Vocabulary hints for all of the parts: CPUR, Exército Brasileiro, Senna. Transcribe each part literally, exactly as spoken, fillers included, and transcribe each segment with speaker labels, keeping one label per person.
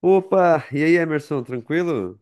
Speaker 1: Opa! E aí, Emerson, tranquilo?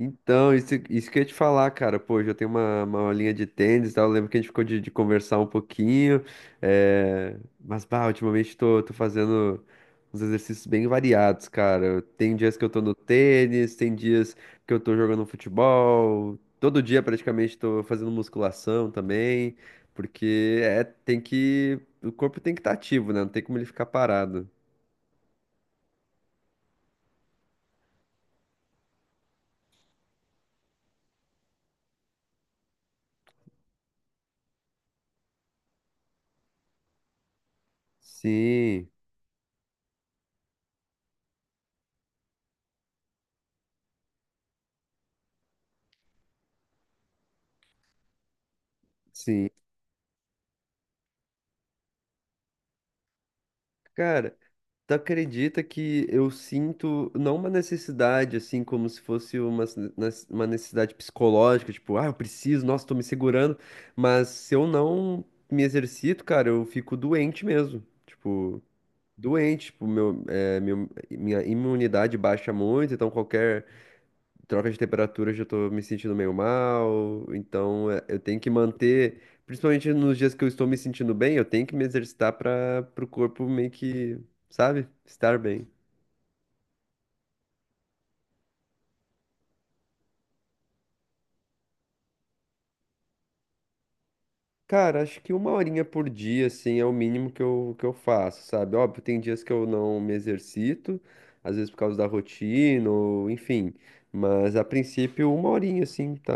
Speaker 1: Então, isso, isso que eu ia te falar, cara. Pô, hoje eu tenho uma, uma aulinha de tênis, e tal. Eu lembro que a gente ficou de, de conversar um pouquinho. é, Mas, bah, ultimamente tô, tô fazendo uns exercícios bem variados, cara. Eu- Tem dias que eu tô no tênis, tem dias que eu tô jogando futebol. Todo dia, praticamente, tô fazendo musculação também. Porque é, tem que... O corpo tem que estar ativo, né? Não tem como ele ficar parado. Sim, sim. Cara, tu acredita que eu sinto não uma necessidade, assim, como se fosse uma, s- nes- uma necessidade psicológica, tipo, ah, eu preciso, nossa, tô me segurando, mas se eu não me exercito, cara, eu fico doente mesmo, tipo, doente, tipo, meu, é, meu- minha imunidade baixa muito, então qualquer troca de temperatura, eu já tô me sentindo meio mal. Então, é, eu tenho que manter, principalmente nos dias que eu estou me sentindo bem, eu tenho que me exercitar para o corpo meio que, sabe, estar bem. Cara, acho que uma horinha por dia, assim, é o mínimo que eu, que eu faço, sabe? Óbvio, tem dias que eu não me exercito, às vezes por causa da rotina, ou enfim. Mas a princípio, uma horinha, assim, tá.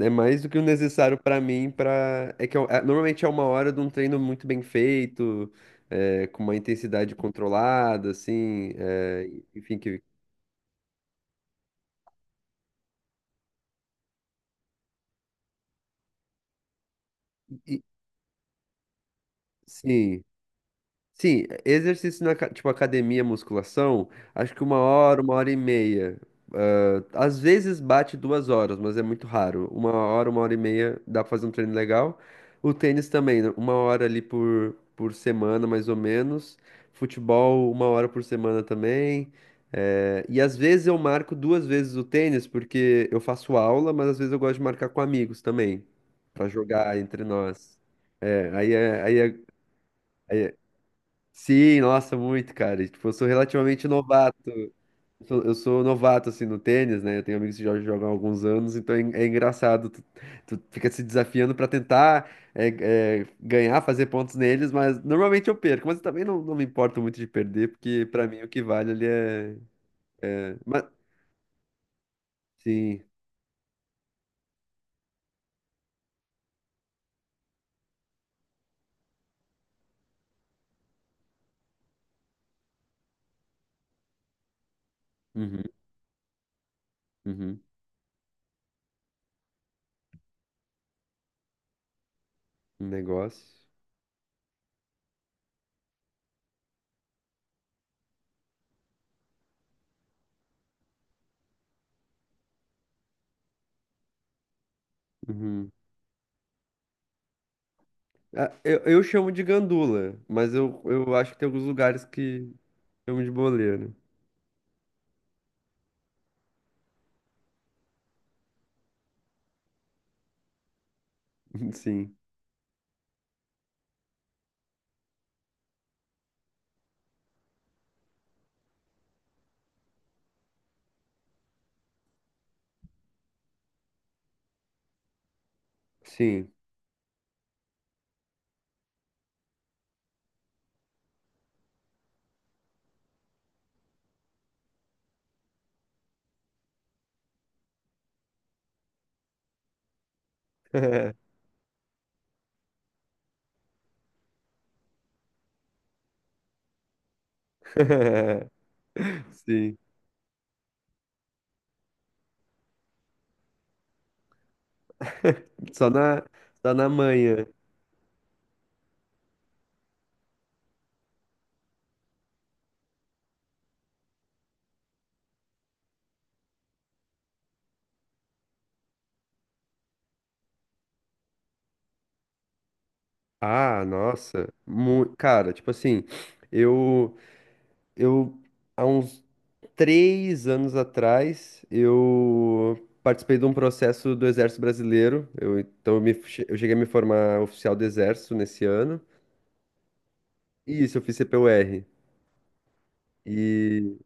Speaker 1: É mais do que o necessário pra mim para é que eu- é- normalmente é uma hora de um treino muito bem feito, é, com uma intensidade controlada, assim, é, enfim, que e- sim, sim, exercício na aca- tipo academia, musculação, acho que uma hora, uma hora e meia. Às vezes bate duas horas, mas é muito raro. Uma hora, uma hora e meia, dá pra fazer um treino legal. O tênis também, né? Uma hora ali por, por semana, mais ou menos. Futebol, uma hora por semana também. É, e às vezes eu marco duas vezes o tênis, porque eu faço aula, mas às vezes eu gosto de marcar com amigos também, pra jogar entre nós. É, aí é, aí é... Sim, nossa, muito, cara. E, tipo, eu sou relativamente novato. Eu sou, eu sou novato, assim, no tênis, né? Eu tenho amigos que já jogam há alguns anos, então é, en- é engraçado. Tu, tu fica se desafiando pra tentar é, é, ganhar, fazer pontos neles, mas normalmente eu perco. Mas eu também não, não me importo muito de perder, porque pra mim o que vale ali é... é, Mas, sim. Uhum, uhum. Um negócio. Uhum. Ah, eu, eu chamo de gandula, mas eu, eu acho que tem alguns lugares que chamam de boleiro. Sim, sim. Sim. Só na, só na manhã. Ah, nossa. Mu- Cara, tipo assim, eu, eu, há uns três anos atrás, eu participei de um processo do Exército Brasileiro. Eu, então, eu, me, che- eu cheguei a me formar oficial do Exército nesse ano. E isso, eu fiz C P U R. E,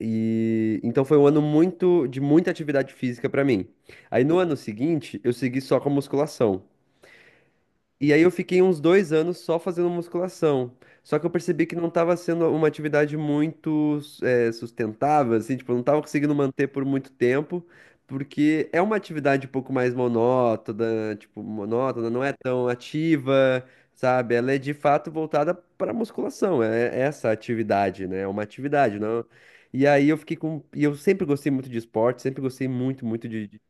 Speaker 1: e então foi um ano muito de muita atividade física pra mim. Aí no ano seguinte, eu segui só com a musculação. E aí eu fiquei uns dois anos só fazendo musculação. Só que eu percebi que não estava sendo uma atividade muito eh, sustentável, assim, tipo, eu não estava conseguindo manter por muito tempo, porque é uma atividade um pouco mais monótona, tipo, monótona, não é tão ativa, sabe? Ela é de fato voltada para musculação, é é essa atividade, né? É uma atividade, não. E aí eu fiquei com. E eu sempre gostei muito de esporte, sempre gostei muito, muito de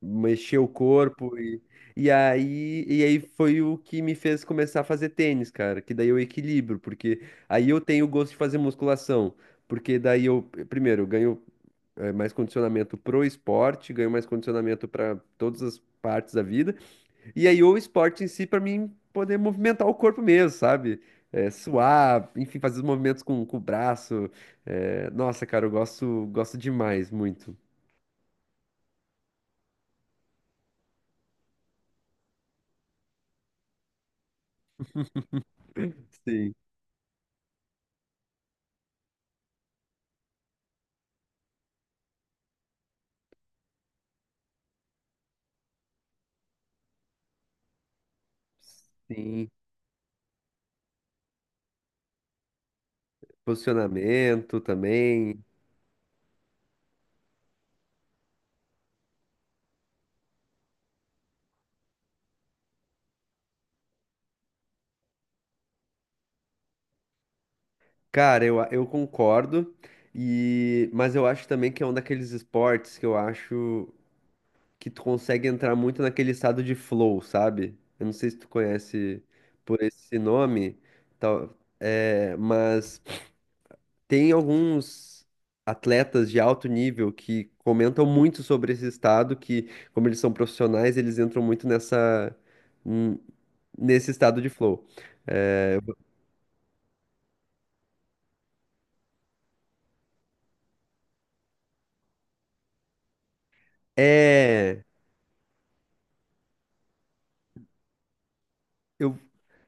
Speaker 1: mexer o corpo e, e aí e aí foi o que me fez começar a fazer tênis, cara, que daí eu equilibro, porque aí eu tenho o gosto de fazer musculação, porque daí eu primeiro eu ganho eh, mais condicionamento pro esporte, ganho mais condicionamento para todas as partes da vida, e aí o esporte em si para mim poder movimentar o corpo mesmo, sabe? Eh, suar, enfim, fazer os movimentos com, com o braço. Eh, nossa, cara, eu gosto, gosto demais, muito. Sim. Sim. Posicionamento também. Cara, eu, eu concordo, e mas eu acho também que é um daqueles esportes que eu acho que tu consegue entrar muito naquele estado de flow, sabe? Eu não sei se tu conhece por esse nome, tal, é, mas tem alguns atletas de alto nível que comentam muito sobre esse estado, que como eles são profissionais, eles entram muito nessa, n- nesse estado de flow. É, é, Eu,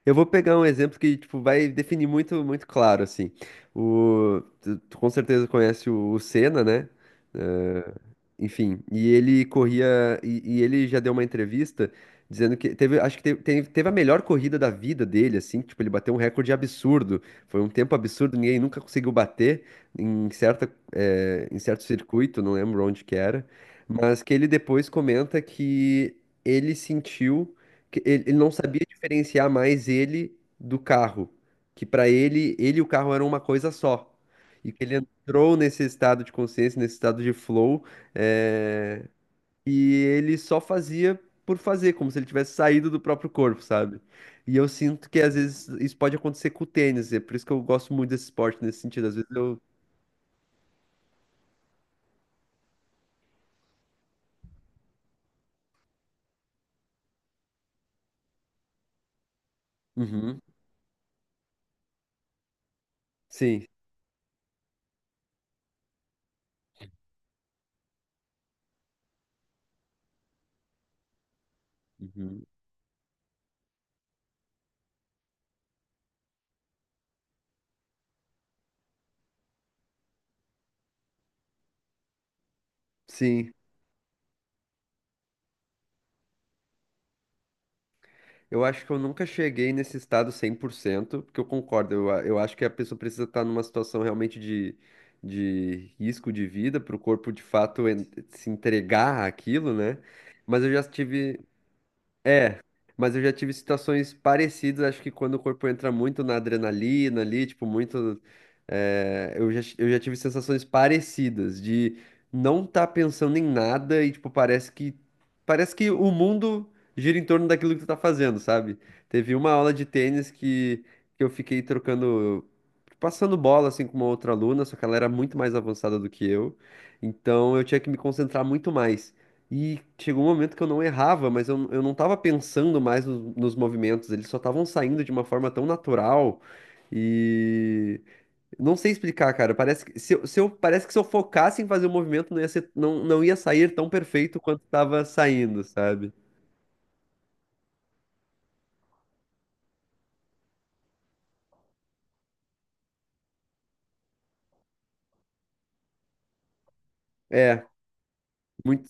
Speaker 1: eu vou pegar um exemplo que, tipo, vai definir muito, muito claro, assim. O, tu, tu com certeza conhece o, o Senna, né? Eh, Enfim, e ele corria, e, e ele já deu uma entrevista dizendo que teve, acho que teve, teve, teve a melhor corrida da vida dele, assim, tipo, ele bateu um recorde absurdo, foi um tempo absurdo, ninguém nunca conseguiu bater em certa, eh, em certo circuito, não lembro onde que era, mas que ele depois comenta que ele sentiu que Ele ele não sabia diferenciar mais ele do carro, que para ele, ele e o carro eram uma coisa só. E que ele entrou nesse estado de consciência, nesse estado de flow, eh, e ele só fazia por fazer, como se ele tivesse saído do próprio corpo, sabe? E eu sinto que às vezes isso pode acontecer com o tênis, é por isso que eu gosto muito desse esporte nesse sentido. Às vezes eu. Uhum, sim. Uhum, sim. Eu acho que eu nunca cheguei nesse estado cem por cento, porque eu concordo, eu, a- eu acho que a pessoa precisa estar numa situação realmente de, de risco de vida para o corpo de fato en- se entregar àquilo, né? Mas eu já tive, é, mas eu já tive situações parecidas, acho que quando o corpo entra muito na adrenalina ali, tipo, muito. eh, eu já, eu já tive sensações parecidas de não estar pensando em nada e, tipo, parece que. Parece que o mundo gira em torno daquilo que tu tá fazendo, sabe? Teve uma aula de tênis que, que eu fiquei trocando. Passando bola assim com uma outra aluna, só que ela era muito mais avançada do que eu, então eu tinha que me concentrar muito mais. E chegou um momento que eu não errava, mas eu, eu não estava pensando mais nos, nos movimentos, eles só estavam saindo de uma forma tão natural. E não sei explicar, cara. Parece que se, eu, se eu- parece que se eu focasse em fazer o movimento, não ia ser, não, não ia sair tão perfeito quanto estava saindo, sabe? É, muito,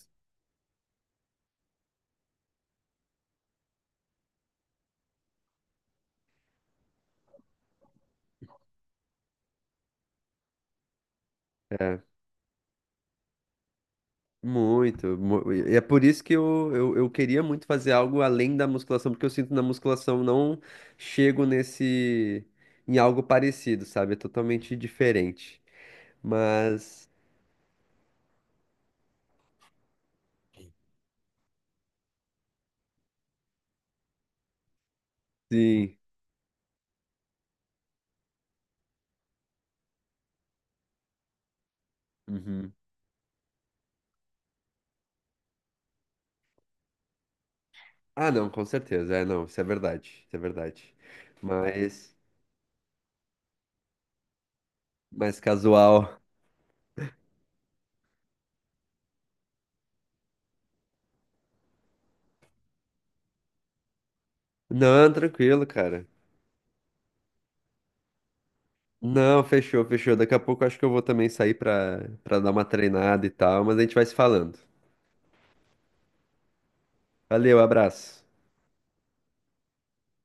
Speaker 1: é, muito. mu- E é por isso que eu, eu, eu queria muito fazer algo além da musculação, porque eu sinto na musculação não chego nesse em algo parecido, sabe? É totalmente diferente. Mas, sim. Uhum. Ah, não, com certeza. É, não, isso é verdade. Isso é verdade. Mas, mais casual. Não, tranquilo, cara. Não, fechou, fechou. Daqui a pouco eu acho que eu vou também sair pra, pra dar uma treinada e tal, mas a gente vai se falando. Valeu, abraço.